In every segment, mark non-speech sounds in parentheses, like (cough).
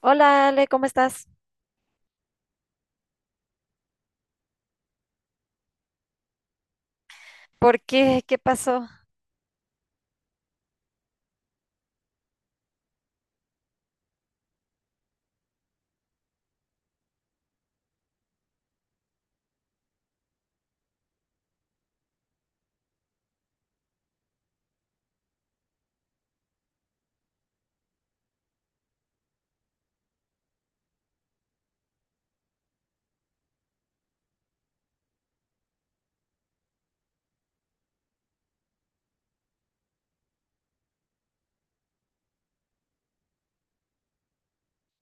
Hola Ale, ¿cómo estás? ¿Por qué? ¿Qué pasó?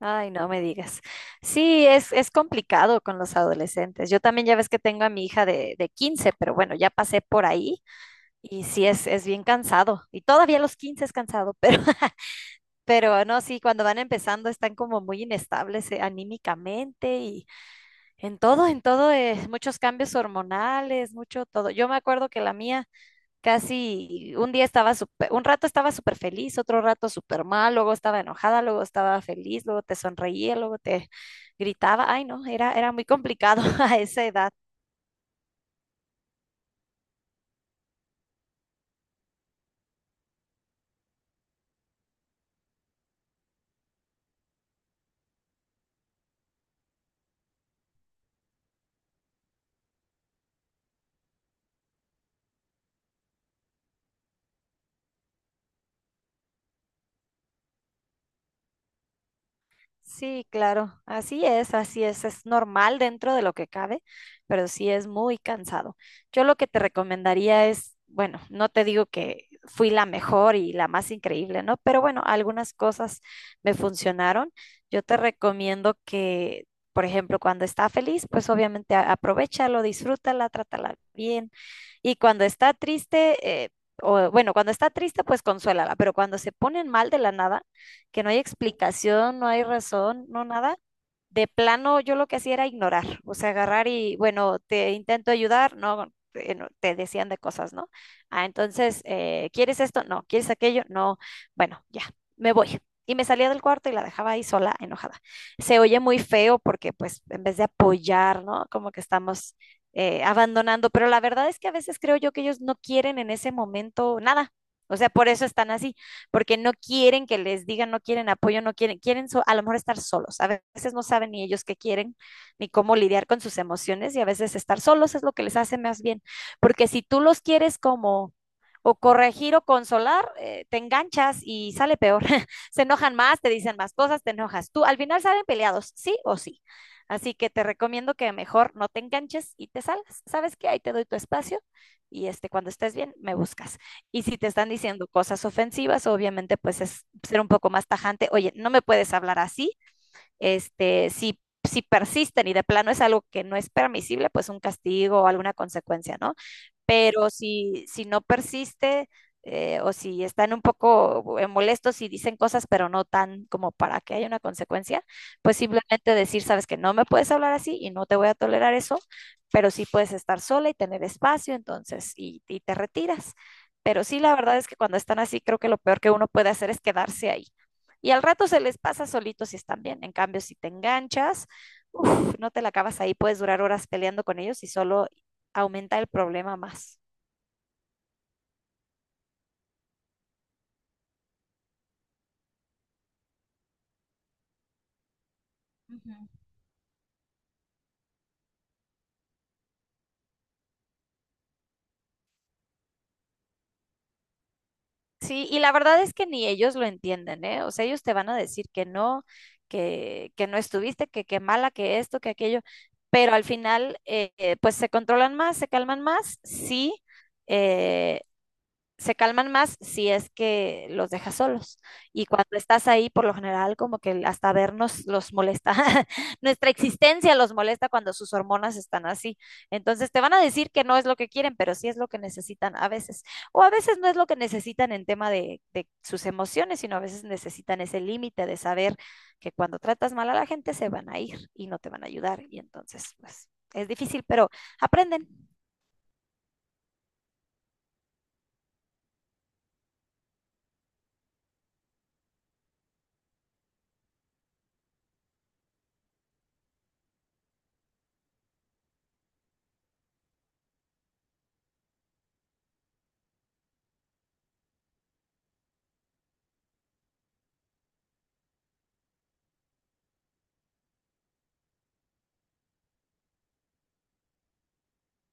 Ay, no me digas. Sí, es complicado con los adolescentes. Yo también ya ves que tengo a mi hija de 15, pero bueno, ya pasé por ahí y sí es bien cansado. Y todavía a los 15 es cansado, pero, (laughs) pero no, sí, cuando van empezando están como muy inestables anímicamente y en todo, muchos cambios hormonales, mucho todo. Yo me acuerdo que la mía. Casi un día estaba súper, un rato estaba súper feliz, otro rato súper mal, luego estaba enojada, luego estaba feliz, luego te sonreía, luego te gritaba. Ay, no, era muy complicado (laughs) a esa edad. Sí, claro, así es normal dentro de lo que cabe, pero sí es muy cansado. Yo lo que te recomendaría es, bueno, no te digo que fui la mejor y la más increíble, ¿no? Pero bueno, algunas cosas me funcionaron. Yo te recomiendo que, por ejemplo, cuando está feliz, pues obviamente aprovechalo, disfrútala, trátala bien. Y cuando está triste, eh, pues consuélala, pero cuando se ponen mal de la nada, que no hay explicación, no hay razón, no nada. De plano, yo lo que hacía era ignorar, o sea, agarrar y, bueno, te intento ayudar, no, no, te decían de cosas, ¿no? Ah, entonces, ¿quieres esto? No, ¿quieres aquello? No, bueno, ya, me voy. Y me salía del cuarto y la dejaba ahí sola, enojada. Se oye muy feo porque, pues, en vez de apoyar, ¿no? Como que estamos abandonando, pero la verdad es que a veces creo yo que ellos no quieren en ese momento nada. O sea, por eso están así porque no quieren que les digan, no quieren apoyo, no quieren, a lo mejor estar solos. A veces no saben ni ellos qué quieren, ni cómo lidiar con sus emociones y a veces estar solos es lo que les hace más bien, porque si tú los quieres como o corregir o consolar, te enganchas y sale peor. (laughs) Se enojan más, te dicen más cosas, te enojas tú. Al final salen peleados, sí o sí. Así que te recomiendo que mejor no te enganches y te salgas. ¿Sabes qué? Ahí te doy tu espacio y este, cuando estés bien, me buscas. Y si te están diciendo cosas ofensivas, obviamente pues es ser un poco más tajante. Oye, no me puedes hablar así este, si persisten y de plano es algo que no es permisible, pues un castigo o alguna consecuencia, ¿no? Pero si no persiste o si están un poco molestos y dicen cosas, pero no tan como para que haya una consecuencia, pues simplemente decir, sabes que no me puedes hablar así y no te voy a tolerar eso, pero sí puedes estar sola y tener espacio, entonces, y te retiras. Pero sí, la verdad es que cuando están así, creo que lo peor que uno puede hacer es quedarse ahí. Y al rato se les pasa solitos si están bien. En cambio, si te enganchas, uf, no te la acabas ahí, puedes durar horas peleando con ellos y solo aumenta el problema más. Ujú. Sí, y la verdad es que ni ellos lo entienden, ¿eh? O sea, ellos te van a decir que no, que no estuviste, que qué mala, que esto, que aquello, pero al final, pues se controlan más, se calman más, sí, eh, se calman más si es que los dejas solos. Y cuando estás ahí, por lo general, como que hasta vernos los molesta. (laughs) Nuestra existencia los molesta cuando sus hormonas están así. Entonces te van a decir que no es lo que quieren, pero sí es lo que necesitan a veces. O a veces no es lo que necesitan en tema de sus emociones, sino a veces necesitan ese límite de saber que cuando tratas mal a la gente se van a ir y no te van a ayudar. Y entonces, pues, es difícil, pero aprenden.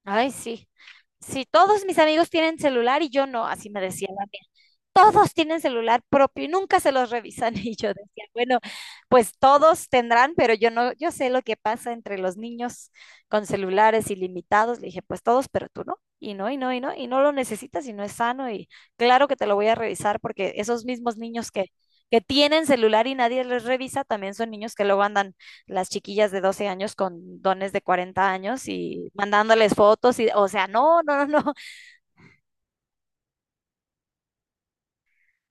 Ay, sí. Si todos mis amigos tienen celular y yo no, así me decía la mía. Todos tienen celular propio y nunca se los revisan. (laughs) Y yo decía, bueno, pues todos tendrán, pero yo no, yo sé lo que pasa entre los niños con celulares ilimitados. Le dije, pues todos, pero tú no. Y no, y no, y no, y no lo necesitas y no es sano. Y claro que te lo voy a revisar porque esos mismos niños que tienen celular y nadie les revisa, también son niños que luego andan las chiquillas de 12 años con dones de 40 años y mandándoles fotos. Y, o sea, no, no, no, no.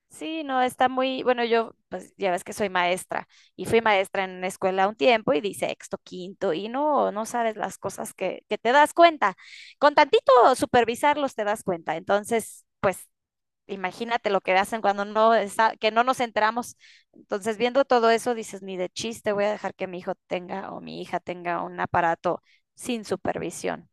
Sí, no, está muy, bueno, yo pues ya ves que soy maestra y fui maestra en una escuela un tiempo y di sexto, quinto y no, no sabes las cosas que te das cuenta. Con tantito supervisarlos te das cuenta. Entonces, pues imagínate lo que hacen cuando no está, que no nos enteramos. Entonces, viendo todo eso, dices, ni de chiste voy a dejar que mi hijo tenga o mi hija tenga un aparato sin supervisión.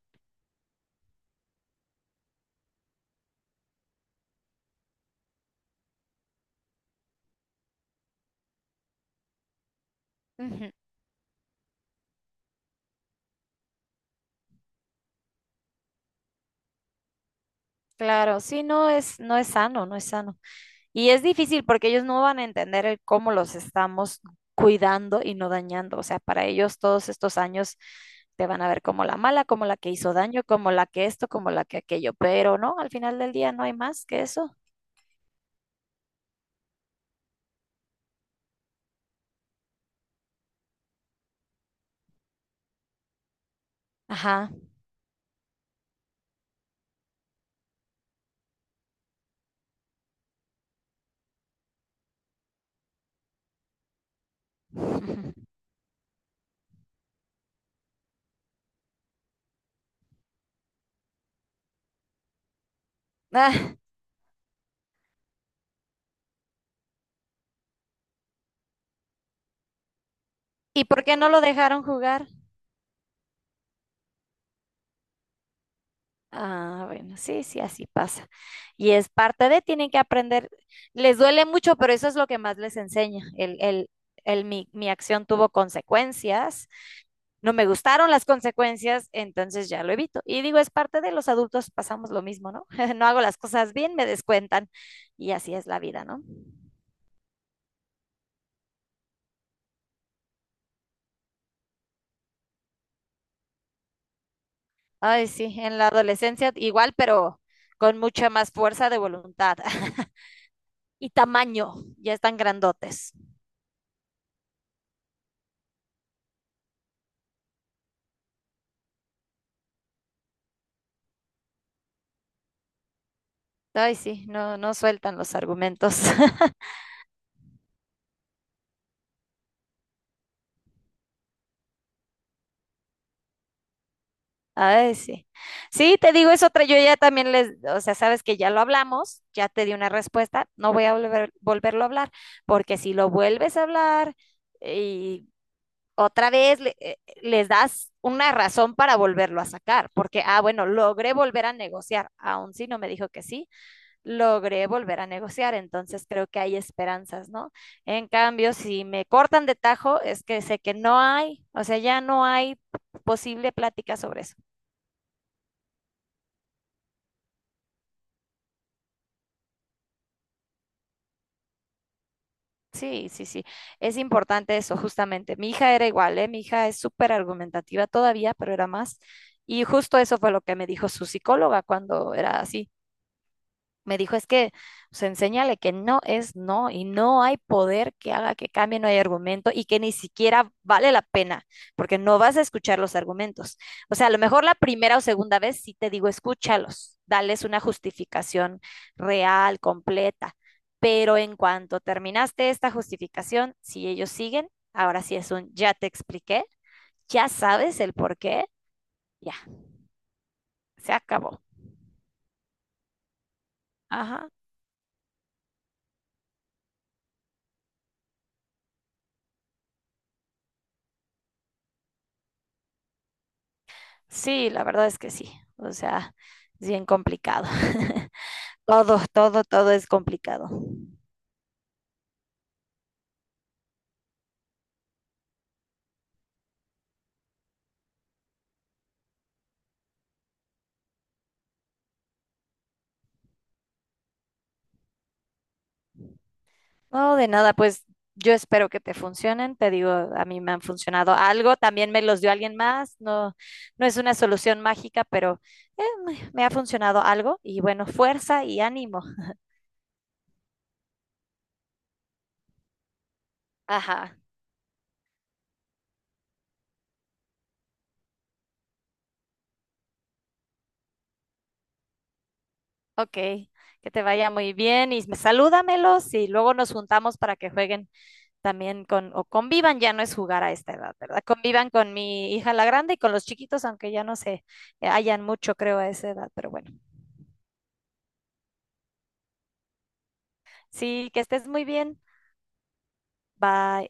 Ujú, claro, sí, no es, no es sano, no es sano. Y es difícil porque ellos no van a entender el cómo los estamos cuidando y no dañando. O sea, para ellos todos estos años te van a ver como la mala, como la que hizo daño, como la que esto, como la que aquello. Pero no, al final del día no hay más que eso. Ajá. (laughs) Ujú. Ah, ¿y por qué no lo dejaron jugar? Ah, bueno, sí, sí, así pasa. Y es parte de, tienen que aprender. Les duele mucho, pero eso es lo que más les enseña. Mi acción tuvo consecuencias. No me gustaron las consecuencias, entonces ya lo evito. Y digo, es parte de los adultos, pasamos lo mismo, ¿no? (laughs) No hago las cosas bien, me descuentan y así es la vida, ¿no? Ay, sí, en la adolescencia igual, pero con mucha más fuerza de voluntad (laughs) y tamaño, ya están grandotes. Ay, sí, no, no sueltan los argumentos. (laughs) Ay, sí. Sí, te digo, es otra. Yo ya también les, o sea, sabes que ya lo hablamos, ya te di una respuesta, no voy a volverlo a hablar, porque si lo vuelves a hablar y otra vez les das una razón para volverlo a sacar, porque, ah, bueno, logré volver a negociar, aún si no me dijo que sí, logré volver a negociar, entonces creo que hay esperanzas, ¿no? En cambio, si me cortan de tajo, es que sé que no hay, o sea, ya no hay posible plática sobre eso. Sí, sí, sí. Es importante eso, justamente. Mi hija era igual, ¿eh? Mi hija es súper argumentativa todavía, pero era más. Y justo eso fue lo que me dijo su psicóloga cuando era así. Me dijo, es que se enséñale que no es no y no hay poder que haga que cambie, no hay argumento y que ni siquiera vale la pena porque no vas a escuchar los argumentos. O sea, a lo mejor la primera o segunda vez sí te digo, escúchalos, dales una justificación real, completa, pero en cuanto terminaste esta justificación, si ellos siguen, ahora sí es un ya te expliqué, ya sabes el por qué, ya, se acabó. Ajá. Sí, la verdad es que sí. O sea, es bien complicado. (laughs) Todo, todo, todo es complicado. No, de nada, pues yo espero que te funcionen. Te digo, a mí me han funcionado algo. También me los dio alguien más. No, no es una solución mágica, pero me ha funcionado algo. Y bueno, fuerza y ánimo. Ajá, ok. Que te vaya muy bien y salúdamelos y luego nos juntamos para que jueguen. O convivan, ya no es jugar a esta edad, ¿verdad? Convivan con mi hija la grande y con los chiquitos, aunque ya no se hayan mucho, creo, a esa edad, pero bueno. Sí, que estés muy bien. Bye.